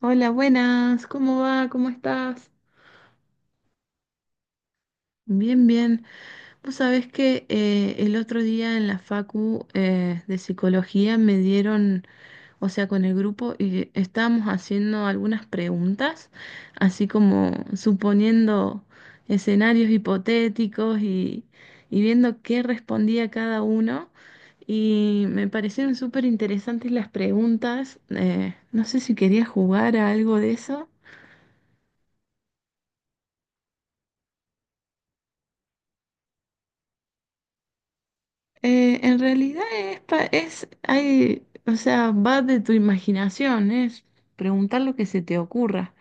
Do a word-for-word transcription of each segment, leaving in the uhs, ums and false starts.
Hola, buenas, ¿cómo va? ¿Cómo estás? Bien, bien. Vos sabés que eh, el otro día en la facu eh, de psicología me dieron, o sea, con el grupo y estábamos haciendo algunas preguntas, así como suponiendo escenarios hipotéticos y, y viendo qué respondía cada uno. Y me parecieron súper interesantes las preguntas. Eh, no sé si querías jugar a algo de eso. Eh, en realidad es, pa- es, hay, o sea, va de tu imaginación, es preguntar lo que se te ocurra.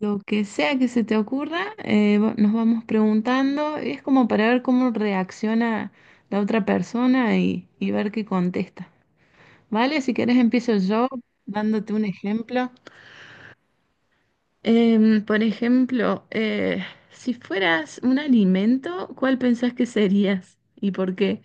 Lo que sea que se te ocurra, eh, va- nos vamos preguntando, es como para ver cómo reacciona la otra persona y, y ver qué contesta. ¿Vale? Si querés empiezo yo dándote un ejemplo. Em, por ejemplo, eh, si fueras un alimento, ¿cuál pensás que serías y por qué?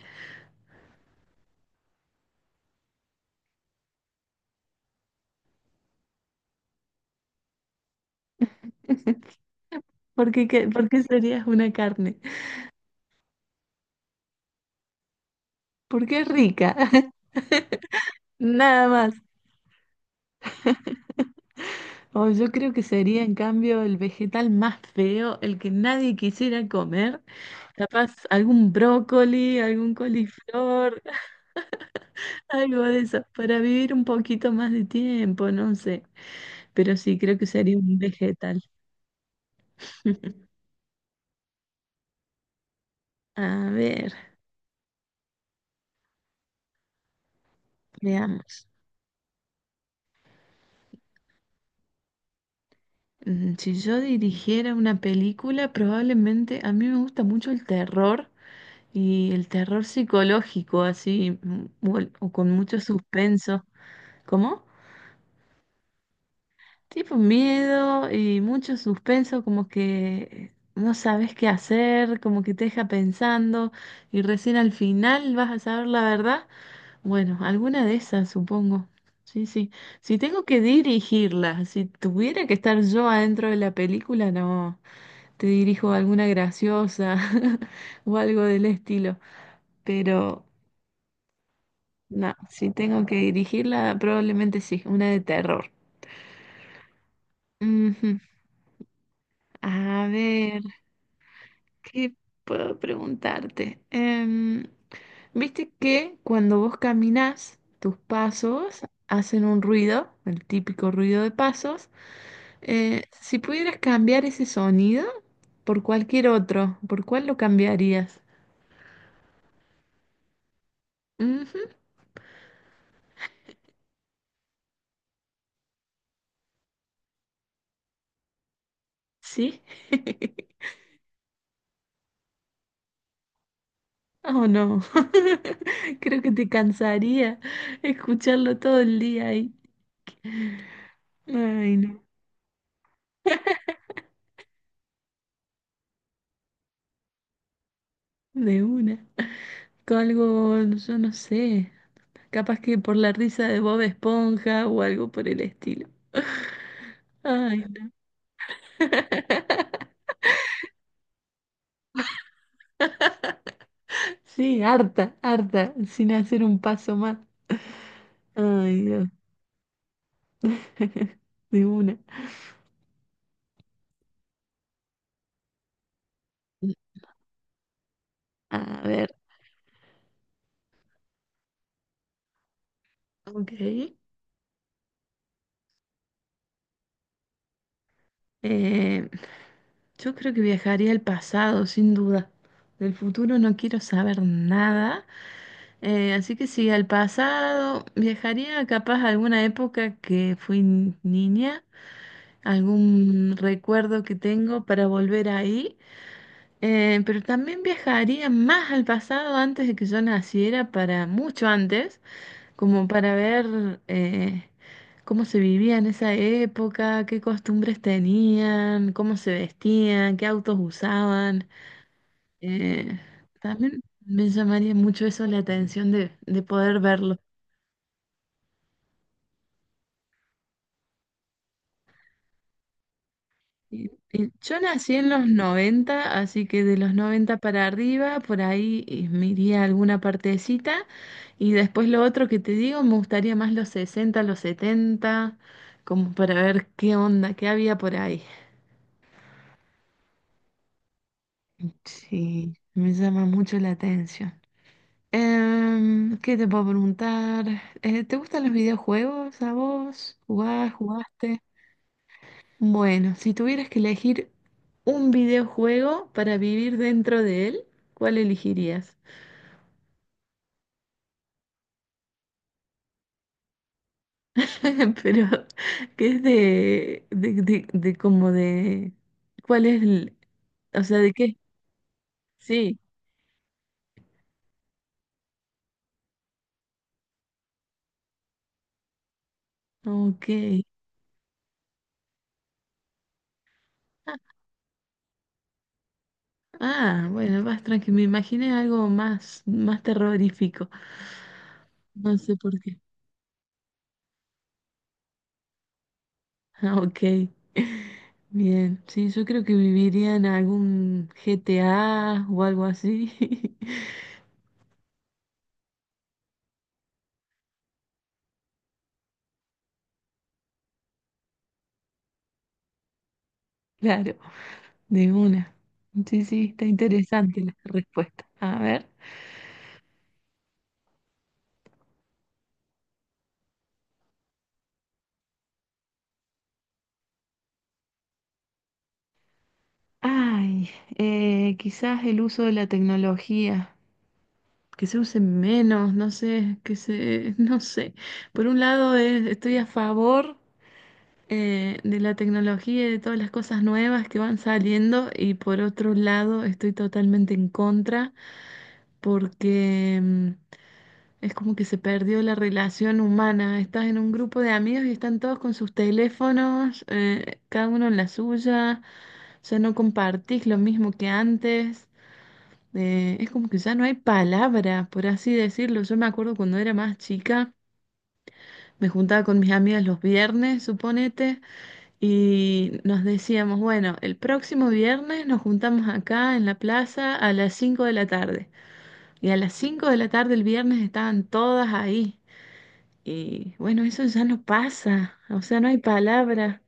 ¿Por qué, qué- por qué serías una carne? Porque es rica, nada más. O yo creo que sería en cambio el vegetal más feo, el que nadie quisiera comer. Capaz algún brócoli, algún coliflor, algo de eso, para vivir un poquito más de tiempo, no sé. Pero sí, creo que sería un vegetal. A ver, veamos. Mm, Si yo dirigiera una película, probablemente a mí me gusta mucho el terror. Y el terror psicológico, así, mu- mu- o con mucho suspenso. ¿Cómo? Tipo miedo y mucho suspenso, como que no sabes qué hacer, como que te deja pensando y recién al final vas a saber la verdad. Bueno, alguna de esas, supongo. Sí, sí. Si tengo que dirigirla, si tuviera que estar yo adentro de la película, no, te dirijo alguna graciosa o algo del estilo. Pero No, si tengo que dirigirla, probablemente sí, una de terror. Ujú. A ver, ¿qué puedo preguntarte? Em, ¿viste que cuando vos caminás, tus pasos hacen un ruido, el típico ruido de pasos? Eh, si pudieras cambiar ese sonido por cualquier otro, ¿por cuál lo cambiarías? Ujú, ¿sí? Oh, no. Creo que te cansaría escucharlo todo el día ahí. Ay, no, de una. Con algo, yo no sé, capaz que por la risa de Bob Esponja o algo por el estilo. Ay, no. Sí, harta, harta, sin hacer un paso más. Ay, Dios. De una. A ver, ok. Eh, yo creo que viajaría al pasado, sin duda. Del futuro no quiero saber nada. Eh, así que sí, al pasado viajaría capaz a alguna época que fui ni- niña, algún recuerdo que tengo para volver ahí. Eh, pero también viajaría más al pasado antes de que yo naciera, para mucho antes como para ver eh, cómo se vivía en esa época, qué costumbres tenían, cómo se vestían, qué autos usaban. Eh, También me llamaría mucho eso la atención de, de poder verlo. Y- y yo nací en los noventa así que de los noventa para arriba, por ahí eh, me iría a alguna partecita. Y después lo otro que te digo, me gustaría más los sesenta los setenta como para ver qué onda, qué había por ahí. Sí, me llama mucho la atención. Em, ¿qué te puedo preguntar? Eh, ¿te gustan los videojuegos a vos? ¿Jugás, jugaste? Bueno, si tuvieras que elegir un videojuego para vivir dentro de él, ¿cuál elegirías? Pero, ¿qué es de, de, de, de como de, cuál es el, o sea, de qué? Sí, ok. Ah, ah, bueno, más tranquilo. Me imaginé algo más, más terrorífico. No sé por qué. Ah, ok. Bien. Sí, yo creo que viviría en algún G T A o algo así. Claro, de una. Sí, sí, está interesante la respuesta. A ver. Ay, eh, quizás el uso de la tecnología. Que se use menos, no sé, que se, no sé. Por un lado, eh, estoy a favor. eh, de la tecnología y de todas las cosas nuevas que van saliendo y por otro lado estoy totalmente en contra porque mm, es como que se perdió la relación humana. Estás en un grupo de amigos y están todos con sus teléfonos, eh, cada uno en la suya, ya no compartís lo mismo que antes. Eh, es como que ya no hay palabra, por así decirlo. Yo me acuerdo cuando era más chica, me juntaba con mis amigas los viernes, suponete. Y nos decíamos, bueno, el próximo viernes nos juntamos acá en la plaza a las cinco de la tarde. Y a las cinco de la tarde el viernes estaban todas ahí. Y bueno, eso ya no pasa, o sea, no hay palabra.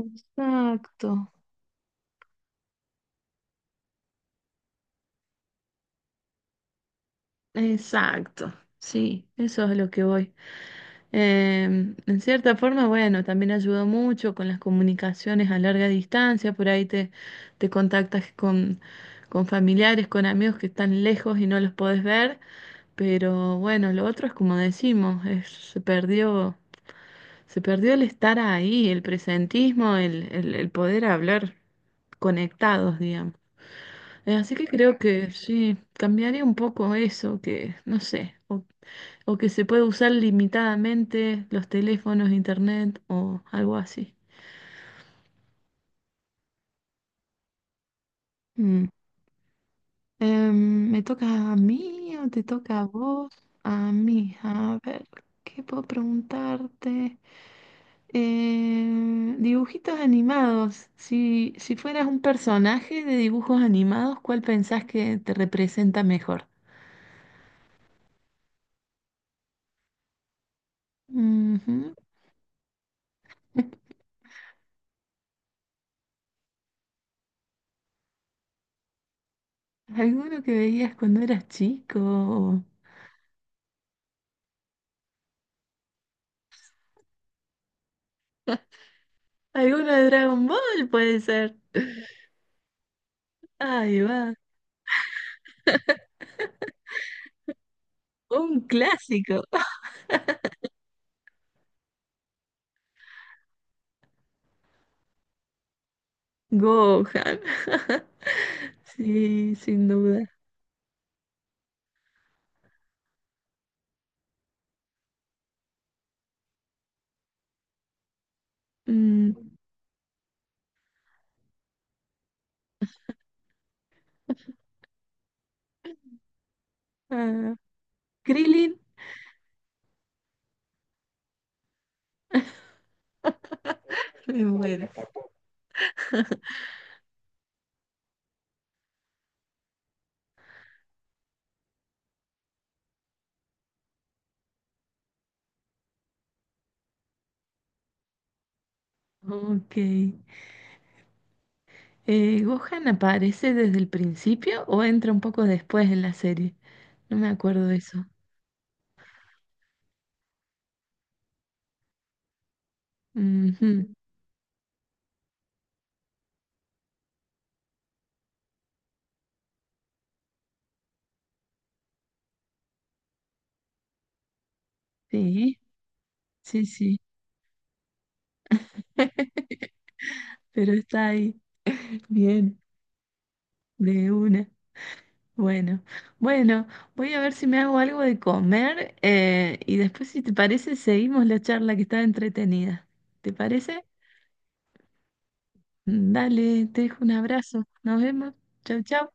Exacto. Exacto, sí, eso es lo que voy. Em, en cierta forma, bueno, también ayudó mucho con las comunicaciones a larga distancia, por ahí te, te contactas con, con familiares, con amigos que están lejos y no los podés ver, pero bueno, lo otro es como decimos, es- se perdió, se perdió el estar ahí, el presentismo, el, el el poder hablar conectados, digamos. Eh, Así que creo que sí, cambiaría un poco eso, que no sé, o, o que se puede usar limitadamente los teléfonos, internet o algo así. Mm. Em, ¿me toca a mí o te toca a vos? A mí, a ver, ¿qué puedo preguntarte? Eh, dibujitos animados. Si, si fueras un personaje de dibujos animados, ¿cuál pensás que te representa mejor? Ujú. ¿Alguno que veías cuando eras chico? ¿Alguno de Dragon Ball puede ser? Ahí va, un clásico. Gohan. Sí, sin duda. Mm, ah, Krillin. eh, Bueno, ok. Eh, ¿Gohan aparece desde el principio o entra un poco después en la serie? No me acuerdo de eso. Ujú, Sí, sí, sí. Pero está ahí. Bien, de una. Bueno, bueno, voy a ver si me hago algo de comer eh, y después, si te parece, seguimos la charla que está entretenida. ¿Te parece? Dale, te dejo un abrazo. Nos vemos. Chau, chau.